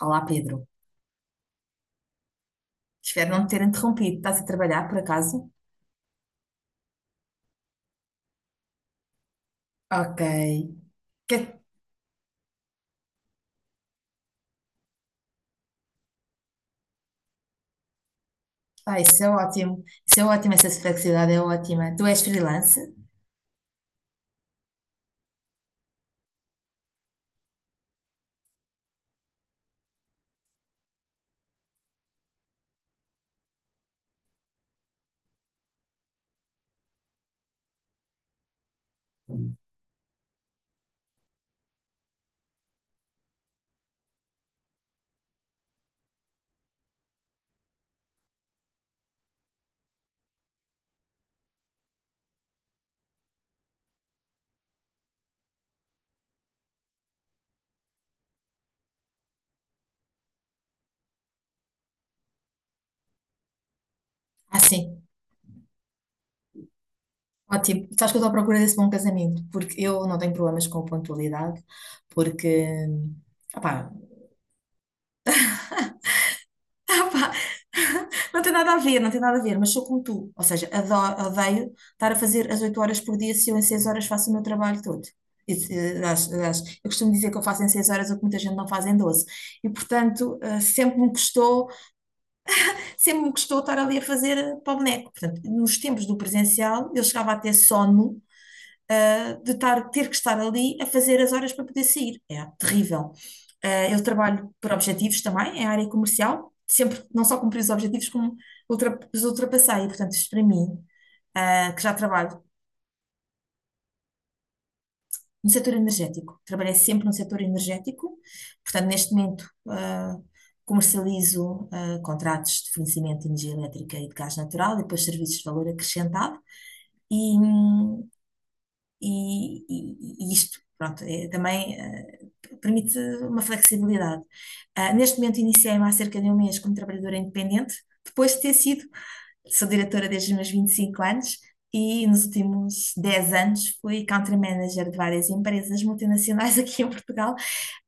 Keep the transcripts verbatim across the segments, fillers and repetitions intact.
Olá, Pedro. Espero não te ter interrompido. Estás a trabalhar, por acaso? Ok. Que- Ah, isso é ótimo. Isso é ótimo, essa flexibilidade é ótima. Tu és freelance? Ah, sim. Ótimo. Sabes que eu estou à procura desse bom casamento, porque eu não tenho problemas com pontualidade, porque, hum, opá, Epá. Não tem nada a ver, não tem nada a ver, mas sou como tu. Ou seja, adoro, odeio estar a fazer as oito horas por dia se eu em seis horas faço o meu trabalho todo. Isso, eh, aliás, aliás, eu costumo dizer que eu faço em seis horas o que muita gente não faz em doze. E, portanto, eh, sempre me custou, sempre me custou estar ali a fazer eh, para o boneco. Portanto, nos tempos do presencial, eu chegava a ter sono, ah, de estar, ter que estar ali a fazer as horas para poder sair. É terrível. Ah, eu trabalho por objetivos também, é a área comercial, sempre não só cumpri os objetivos, como ultra, os ultrapassei. E, portanto, isto para mim, ah, que já trabalho no setor energético, trabalhei sempre no setor energético, portanto, neste momento, ah, comercializo ah, contratos de fornecimento de energia elétrica e de gás natural e depois serviços de valor acrescentado. E, hum, e, e- e isto, pronto, é, também eh, permite uma flexibilidade. Ah, neste momento iniciei-me há cerca de um mês como trabalhadora independente. Depois de ter sido, sou diretora desde os meus vinte e cinco anos e nos últimos dez anos fui country manager de várias empresas multinacionais aqui em Portugal,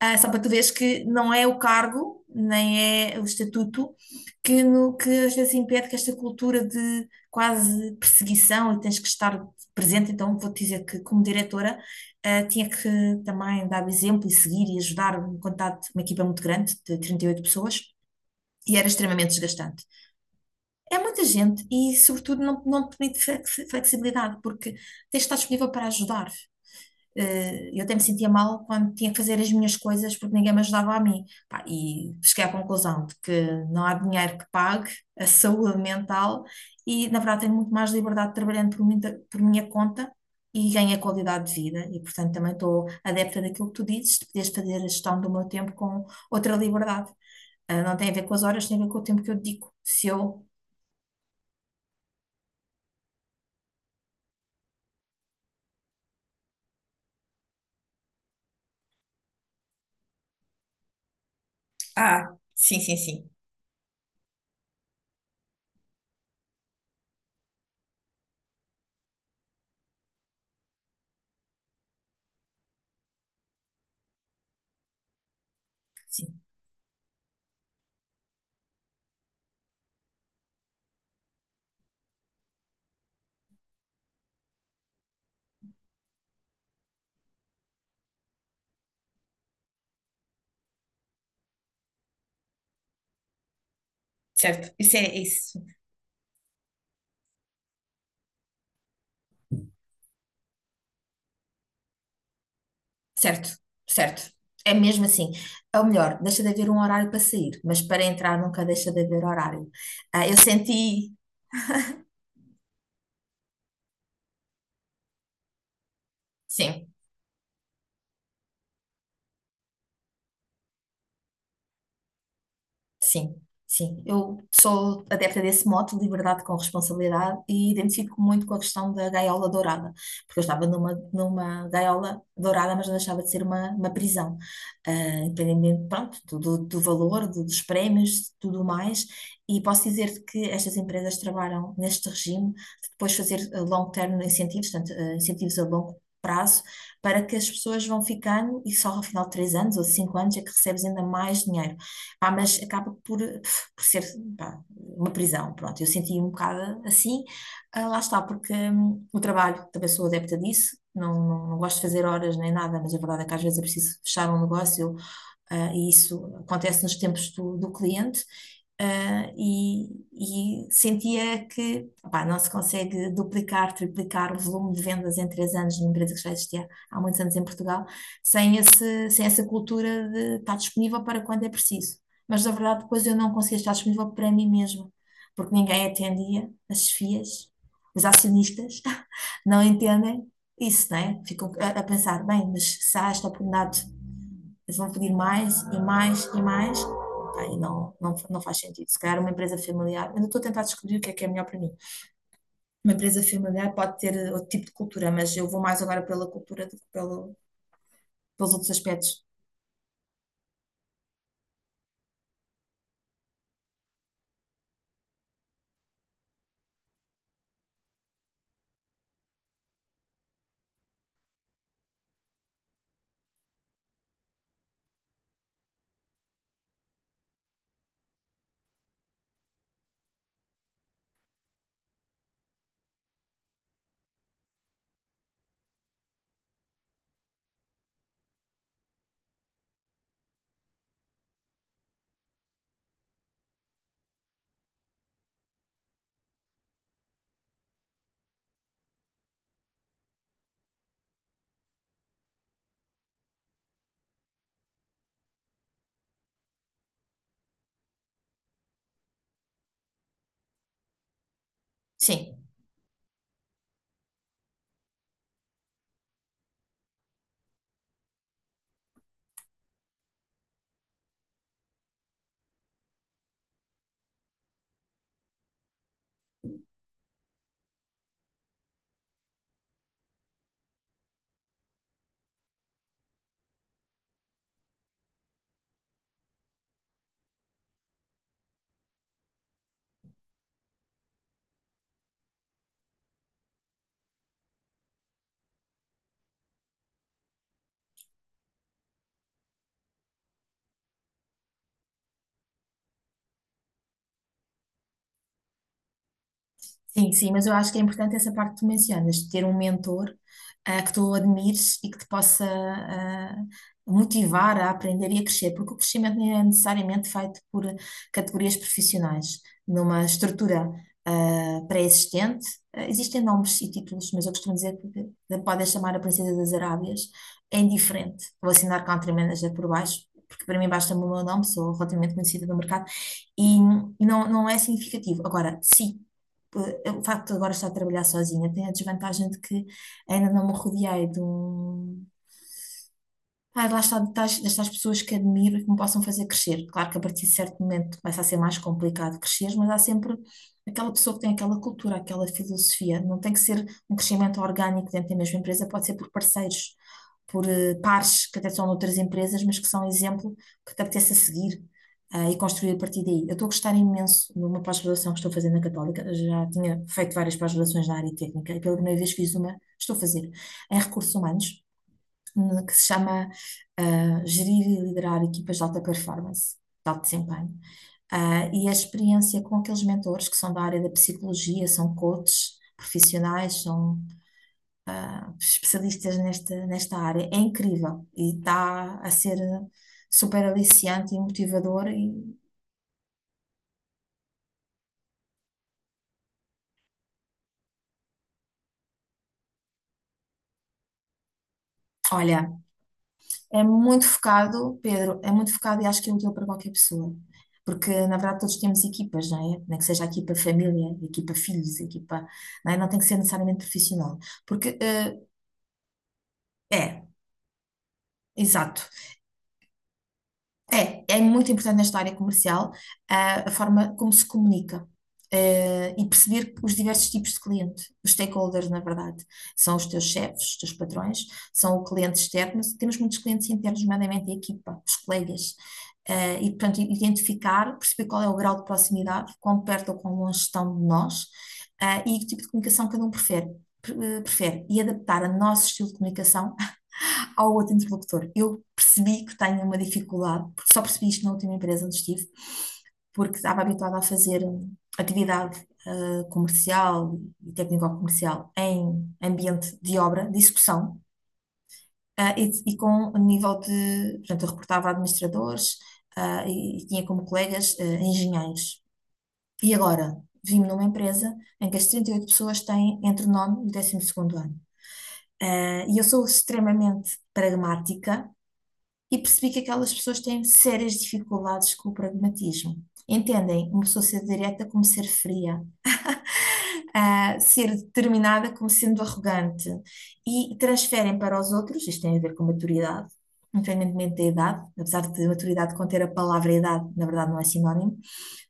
ah, só para tu veres que não é o cargo, nem é o estatuto, que, no, que às vezes impede, que esta cultura de quase perseguição e tens que estar presente. Então, vou-te dizer que, como diretora, ah, tinha que também dar o exemplo e seguir e ajudar um contato, uma equipa muito grande, de trinta e oito pessoas, e era extremamente desgastante. É muita gente e, sobretudo, não, não te permite flex- flexibilidade, porque tens de estar disponível para ajudar. Eh, Eu até me sentia mal quando tinha que fazer as minhas coisas porque ninguém me ajudava a mim. Pá, e cheguei à conclusão de que não há dinheiro que pague a saúde mental e, na verdade, tenho muito mais liberdade trabalhando por, muita- por minha conta e ganho a qualidade de vida. E, portanto, também estou adepta daquilo que tu dizes, de poderes fazer a gestão do meu tempo com outra liberdade. Ah, não tem a ver com as horas, tem a ver com o tempo que eu dedico. Se eu. Ah, sim, sim, sim. Sim, certo. Isso é isso. Certo, certo. É mesmo assim. Ou melhor, deixa de haver um horário para sair, mas para entrar nunca deixa de haver horário. Ah, eu senti, sim, Sim, sim. Eu sou adepta desse mote, liberdade com responsabilidade, e identifico muito com a questão da gaiola dourada, porque eu estava numa, numa gaiola dourada, mas não deixava de ser uma, uma prisão. Ah, Independente, pronto, do, do do valor, do- dos prémios, tudo mais. E posso dizer que estas empresas trabalham neste regime de depois fazer ah, long term incentivos, portanto, ah, incentivos a longo prazo, para que as pessoas vão ficando e só ao final de três anos ou de cinco anos é que recebes ainda mais dinheiro. Pá, mas acaba por, por ser pá, uma prisão, pronto. Eu senti um bocado assim, ah, lá está, porque hum, o trabalho, também sou adepta disso, não, não, não gosto de fazer horas nem nada, mas a verdade é que às vezes é preciso fechar um negócio, ah, e isso acontece nos tempos do, do cliente, ah, e, e sentia que opá, não se consegue duplicar, triplicar o volume de vendas em três anos numa empresa que já existia há muitos anos em Portugal, sem esse, sem essa cultura de estar disponível para quando é preciso. Mas na verdade, depois eu não conseguia estar disponível para mim mesma, porque ninguém atendia, as chefias, os acionistas não entendem isso, não é? Ficam a, a pensar, bem, mas se há esta oportunidade eles vão pedir mais e mais e mais. Pá, e não, não, não faz sentido. Se calhar uma empresa familiar, eu ainda estou a tentar descobrir o que é que é melhor para mim. Uma empresa familiar pode ter outro tipo de cultura, mas eu vou mais agora pela cultura do que pelo, pelos outros aspectos. Sim, sim, sim, mas eu acho que é importante essa parte que tu mencionas, de ter um mentor, ah, que tu admires e que te possa, ah, motivar a aprender e a crescer, porque o crescimento não é necessariamente feito por categorias profissionais. Numa estrutura, ah, pré-existente, ah, existem nomes e títulos, mas eu costumo dizer que que podem chamar a Princesa das Arábias, é indiferente. Vou assinar Country Manager por baixo, porque para mim basta o meu nome, sou relativamente conhecida no mercado e não, não é significativo. Agora, sim, eh, o facto de agora estar a trabalhar sozinha tem a desvantagem de que ainda não me rodeei de um. Ah, lá está, das, destas pessoas que admiro e que me possam fazer crescer. Claro que a partir de certo momento começa a ser mais complicado crescer, mas há sempre aquela pessoa que tem aquela cultura, aquela filosofia. Não tem que ser um crescimento orgânico dentro da mesma empresa, pode ser por parceiros, por eh, pares que até são noutras empresas, mas que são exemplo que te apetece a seguir, ah, e construir a partir daí. Eu estou a gostar imenso de uma pós-graduação que estou fazendo na Católica. Eu já tinha feito várias pós-graduações na área técnica e pela primeira vez fiz uma, estou a fazer, em recursos humanos, hum, que se chama ah, Gerir e Liderar Equipas de Alta Performance, de Alto Desempenho. Ah, e a experiência com aqueles mentores que são da área da psicologia, são coaches profissionais, são especialistas nesta, nesta área, é incrível e está a ser super aliciante e motivador. E, olha, é muito focado, Pedro, é muito focado e acho que é útil para qualquer pessoa. Porque, na verdade, todos temos equipas, não é? Nem que seja a equipa família, a equipa filhos, a equipa. Não é? Não tem que ser necessariamente profissional. Porque, eh, é, exato. É, é muito importante nesta área comercial, ah, a forma como se comunica, eh, e perceber os diversos tipos de cliente, os stakeholders, na verdade. São os teus chefes, os teus patrões, são o cliente externo, mas temos muitos clientes internos, nomeadamente a equipa, os colegas. Eh, e, portanto, identificar, perceber qual é o grau de proximidade, quão perto ou quão longe estão de nós, ah, e que tipo de comunicação cada um prefere. pre- eh, Prefere e adaptar a nosso estilo de comunicação ao outro interlocutor. Eu percebi que tenho uma dificuldade, porque só percebi isto na última empresa onde estive, porque estava habituada a fazer hum, atividade eh, comercial e técnico-comercial em ambiente de obra, de execução, eh, e, e com um nível de, portanto, eu reportava a administradores, ah, e, e tinha como colegas ah, engenheiros. E agora vim-me numa empresa em que as trinta e oito pessoas têm entre o nono e o décimo segundo ano. Ah, e eu sou extremamente pragmática e percebi que aquelas pessoas têm sérias dificuldades com o pragmatismo. Entendem? Uma pessoa ser direta como ser fria, ah, ser determinada como sendo arrogante, e transferem para os outros, isto tem a ver com maturidade, independentemente da idade, apesar de maturidade conter a palavra idade, na verdade não é sinónimo,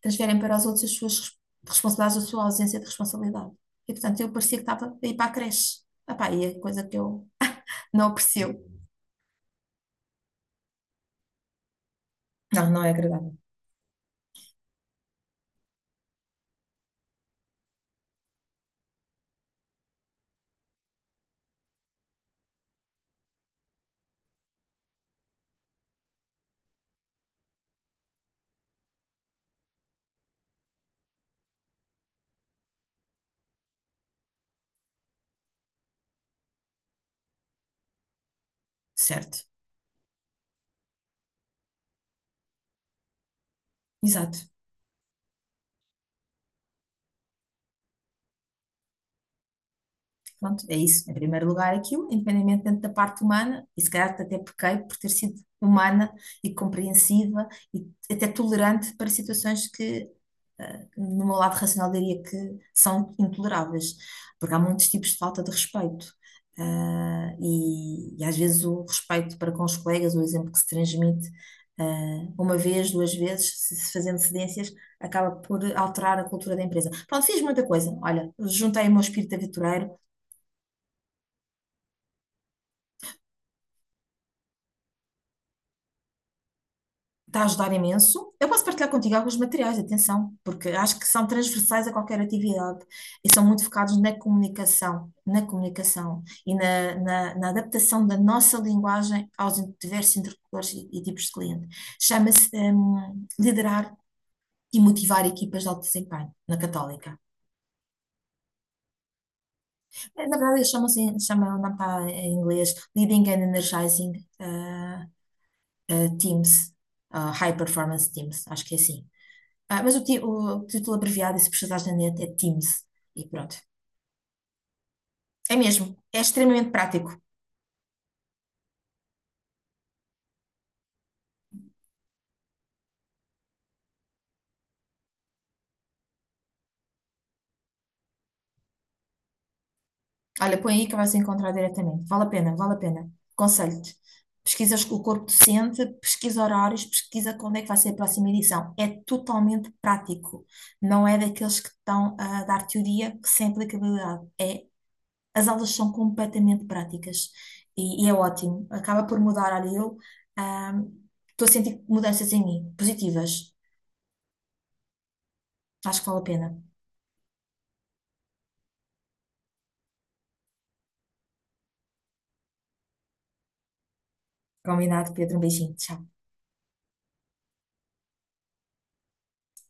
transferem para os outros as suas res- responsabilidades, a sua ausência de responsabilidade. E portanto eu parecia que estava a ir para a creche. Ah, pá, e é coisa que eu não aprecio. Não, não é agradável. Certo. Exato. Pronto, é isso. Em primeiro lugar, aquilo, independentemente da parte humana, e se calhar até pequei por ter sido humana e compreensiva e até tolerante para situações que, eh, no meu lado racional, diria que são intoleráveis, porque há muitos tipos de falta de respeito. Ah, e, e às vezes o respeito para com os colegas, o exemplo que se transmite, ah, uma vez, duas vezes, se se fazendo cedências, acaba por alterar a cultura da empresa. Pronto, fiz muita coisa. Olha, juntei o meu espírito aventureiro, está a ajudar imenso. Eu posso partilhar contigo alguns materiais, atenção, porque acho que são transversais a qualquer atividade e são muito focados na comunicação, na comunicação e na, na, na adaptação da nossa linguagem aos diversos interlocutores e, e tipos de cliente. Chama-se hum, liderar e motivar equipas de alto desempenho na Católica. Eh, Na verdade, eles chamam-se, chamam, não está em inglês, Leading and Energizing eh, eh, Teams, ah, High Performance Teams, acho que é assim. Ah, mas o, ti- o título abreviado, e se precisares na net, é Teams. E pronto. É mesmo. É extremamente prático. Olha, põe aí que vais encontrar diretamente. Vale a pena, vale a pena. Aconselho-te. Pesquisas o corpo docente, pesquisa horários, pesquisa quando é que vai ser a próxima edição. É totalmente prático. Não é daqueles que estão a dar teoria que sem aplicabilidade. É, as aulas são completamente práticas. E, e é ótimo. Acaba por mudar. Olha, eu ah, estou a sentir mudanças em mim, positivas. Acho que vale a pena. Combinado, Pedro. Um beijinho. Tchau.